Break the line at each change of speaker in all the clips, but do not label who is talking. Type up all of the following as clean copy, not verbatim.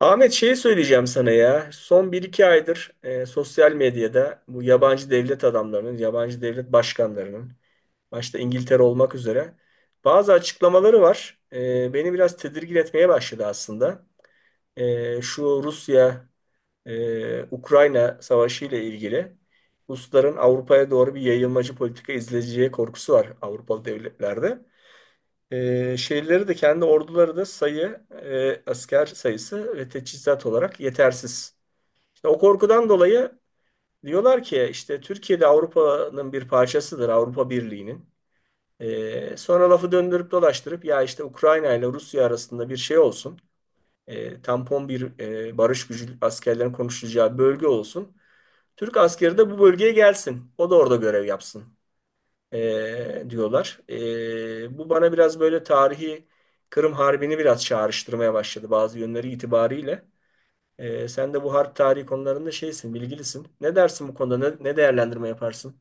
Ahmet şey söyleyeceğim sana ya. Son bir iki aydır sosyal medyada bu yabancı devlet adamlarının, yabancı devlet başkanlarının, başta İngiltere olmak üzere bazı açıklamaları var. Beni biraz tedirgin etmeye başladı aslında. Şu Rusya Ukrayna savaşı ile ilgili Rusların Avrupa'ya doğru bir yayılmacı politika izleyeceği korkusu var Avrupalı devletlerde. Şeyleri de kendi orduları da asker sayısı ve teçhizat olarak yetersiz. İşte o korkudan dolayı diyorlar ki işte Türkiye'de Avrupa'nın bir parçasıdır, Avrupa Birliği'nin. Sonra lafı döndürüp dolaştırıp ya işte Ukrayna ile Rusya arasında bir şey olsun, tampon bir barış gücü askerlerin konuşulacağı bölge olsun. Türk askeri de bu bölgeye gelsin, o da orada görev yapsın diyorlar. Bu bana biraz böyle tarihi Kırım Harbi'ni biraz çağrıştırmaya başladı bazı yönleri itibariyle. Sen de bu harp tarihi konularında şeysin, bilgilisin. Ne dersin bu konuda? Ne değerlendirme yaparsın?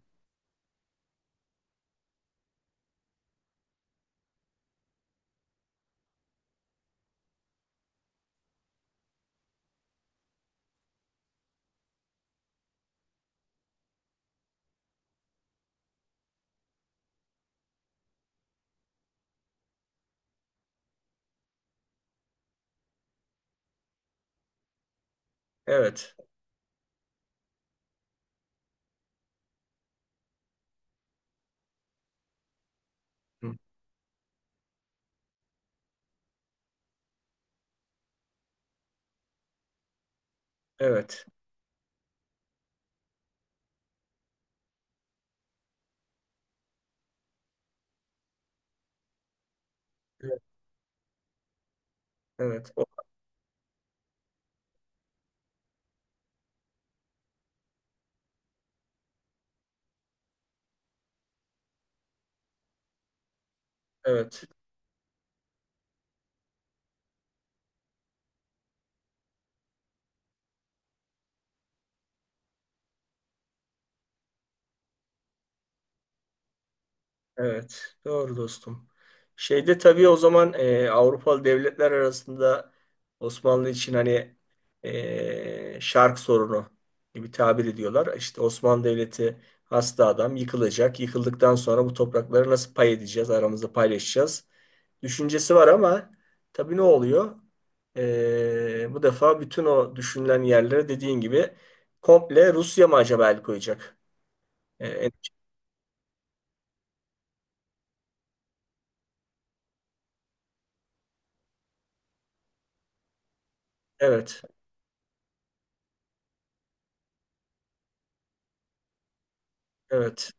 Evet. Hı. Evet. Evet. Evet. Evet. Evet, doğru dostum. Şeyde tabii o zaman Avrupalı devletler arasında Osmanlı için hani şark sorunu gibi tabir ediyorlar. İşte Osmanlı Devleti hasta adam yıkılacak. Yıkıldıktan sonra bu toprakları nasıl pay edeceğiz, aramızda paylaşacağız düşüncesi var ama tabii ne oluyor? Bu defa bütün o düşünülen yerlere dediğin gibi komple Rusya mı acaba el koyacak? E, evet, evet,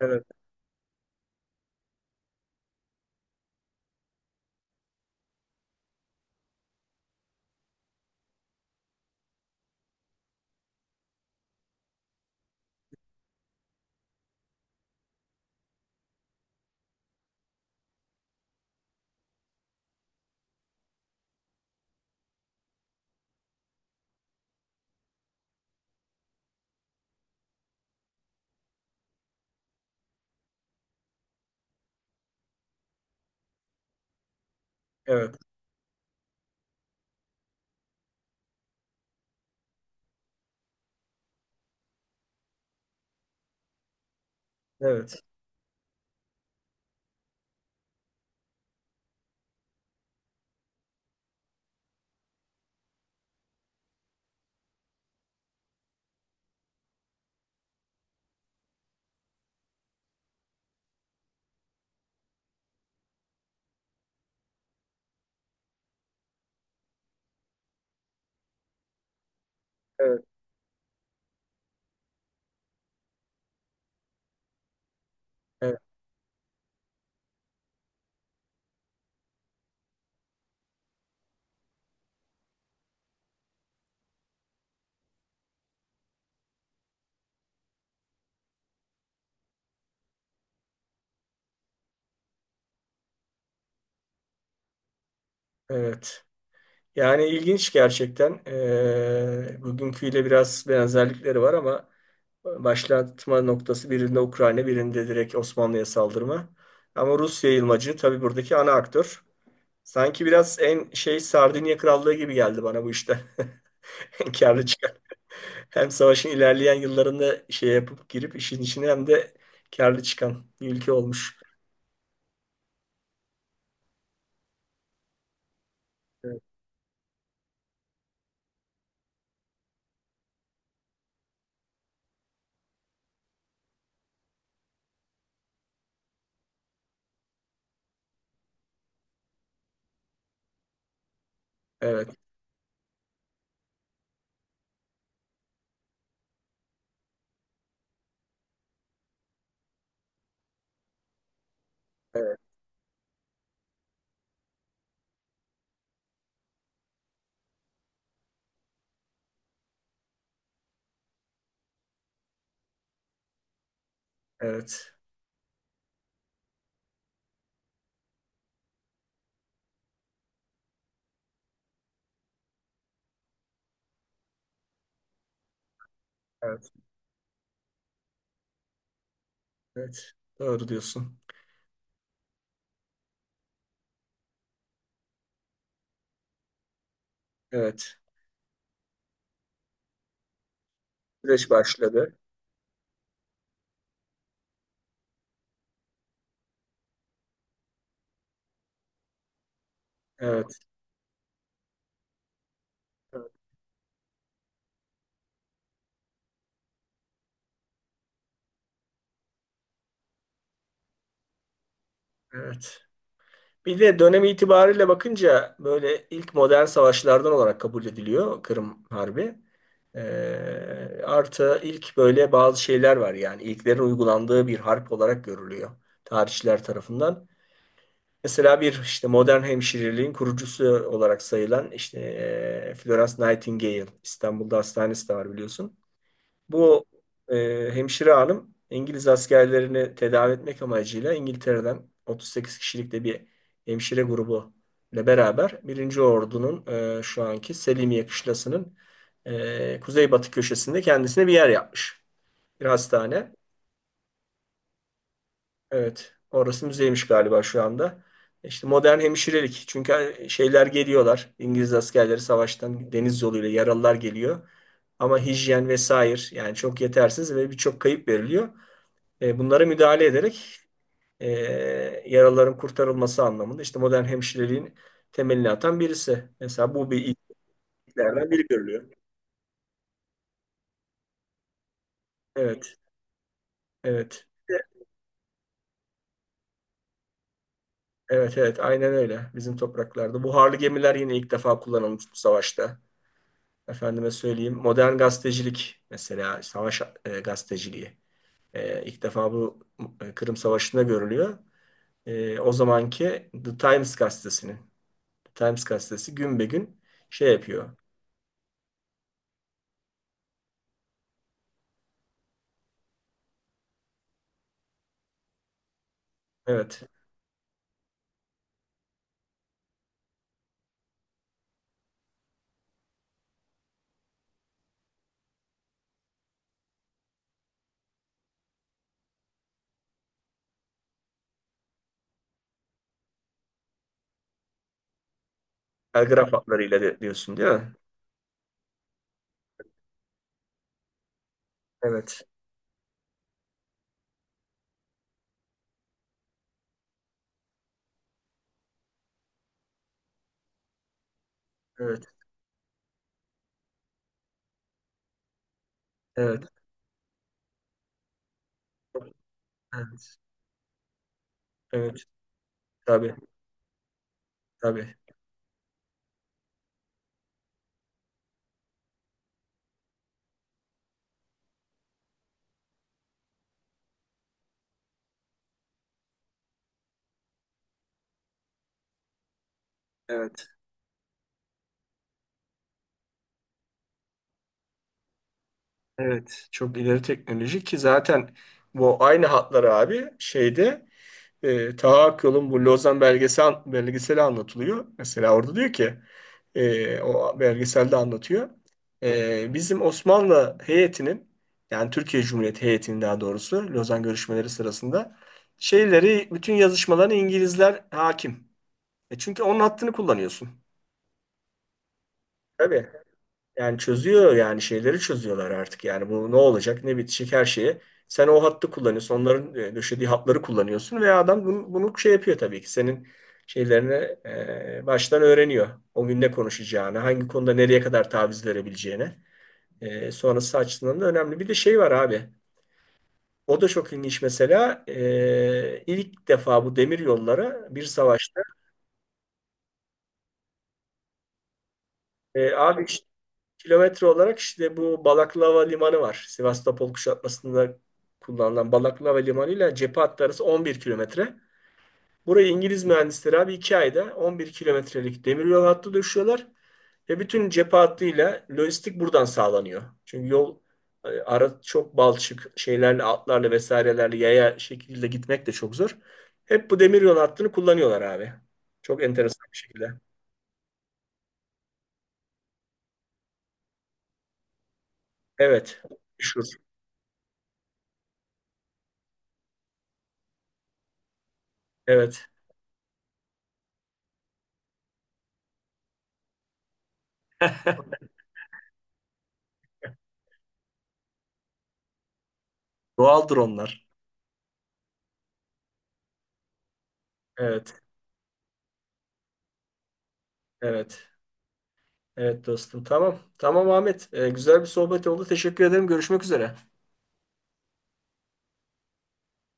evet, evet. Evet, evet, evet. Evet. Yani ilginç gerçekten. Bugünküyle biraz benzerlikleri var ama başlatma noktası birinde Ukrayna, birinde direkt Osmanlı'ya saldırma. Ama Rus yayılmacı tabii buradaki ana aktör. Sanki biraz en şey Sardinya Krallığı gibi geldi bana bu işte. En karlı çıkan. Hem savaşın ilerleyen yıllarında şey yapıp girip işin içine hem de karlı çıkan bir ülke olmuş. Evet, evet, evet, evet. Evet. Doğru diyorsun. Evet. Süreç başladı. Evet. Evet. Evet. Bir de dönem itibariyle bakınca böyle ilk modern savaşlardan olarak kabul ediliyor Kırım Harbi. Artı ilk böyle bazı şeyler var yani ilklerin uygulandığı bir harp olarak görülüyor tarihçiler tarafından. Mesela bir işte modern hemşireliğin kurucusu olarak sayılan işte Florence Nightingale İstanbul'da hastanesi de var biliyorsun. Bu hemşire hanım İngiliz askerlerini tedavi etmek amacıyla İngiltere'den 38 kişilik de bir hemşire grubu ile beraber Birinci Ordu'nun şu anki Selimiye kışlasının kuzeybatı köşesinde kendisine bir yer yapmış. Bir hastane. Evet. Orası müzeymiş galiba şu anda. İşte modern hemşirelik. Çünkü şeyler geliyorlar. İngiliz askerleri savaştan deniz yoluyla yaralılar geliyor. Ama hijyen vesaire yani çok yetersiz ve birçok kayıp veriliyor. Bunlara müdahale ederek e, yaraların kurtarılması anlamında işte modern hemşireliğin temelini atan birisi. Mesela bu bir ilklerden biri görülüyor. Evet, evet. Evet, evet, aynen öyle. Bizim topraklarda. Buharlı gemiler yine ilk defa kullanılmış bu savaşta. Efendime söyleyeyim. Modern gazetecilik mesela savaş gazeteciliği. İlk defa bu Kırım Savaşı'nda görülüyor. O zamanki The Times gazetesinin. The Times gazetesi gün be gün şey yapıyor. Evet. Ha, hatlarıyla diyorsun değil mi? Evet, evet, evet, evet, evet, tabii, tabii, evet, evet. Çok ileri teknoloji ki zaten bu aynı hatları abi şeyde Taha Akyol'un bu Lozan belgeseli anlatılıyor. Mesela orada diyor ki o belgeselde anlatıyor. Bizim Osmanlı heyetinin yani Türkiye Cumhuriyeti heyetinin daha doğrusu Lozan görüşmeleri sırasında şeyleri bütün yazışmalarına İngilizler hakim. Çünkü onun hattını kullanıyorsun. Tabii. Yani çözüyor yani şeyleri çözüyorlar artık. Yani bu ne olacak ne bitecek her şeye. Sen o hattı kullanıyorsun. Onların döşediği hatları kullanıyorsun ve adam bunu şey yapıyor tabii ki. Senin şeylerini baştan öğreniyor. O gün ne konuşacağını, hangi konuda nereye kadar taviz verebileceğini. Sonrası açısından da önemli. Bir de şey var abi. O da çok ilginç mesela. İlk defa bu demir yollara bir savaşta abi, kilometre olarak işte bu Balaklava Limanı var. Sivastopol kuşatmasında kullanılan Balaklava Limanı ile cephe hattı arası 11 kilometre. Burayı İngiliz mühendisleri abi 2 ayda 11 kilometrelik demiryol hattı döşüyorlar. Ve bütün cephe hattıyla lojistik buradan sağlanıyor. Çünkü yol ara çok balçık şeylerle atlarla vesairelerle yaya şekilde gitmek de çok zor. Hep bu demiryol hattını kullanıyorlar abi. Çok enteresan bir şekilde. Evet. Meşhur. Evet. Doğaldır onlar. Evet. Evet. Evet dostum. Tamam. Tamam Ahmet. Güzel bir sohbet oldu. Teşekkür ederim. Görüşmek üzere.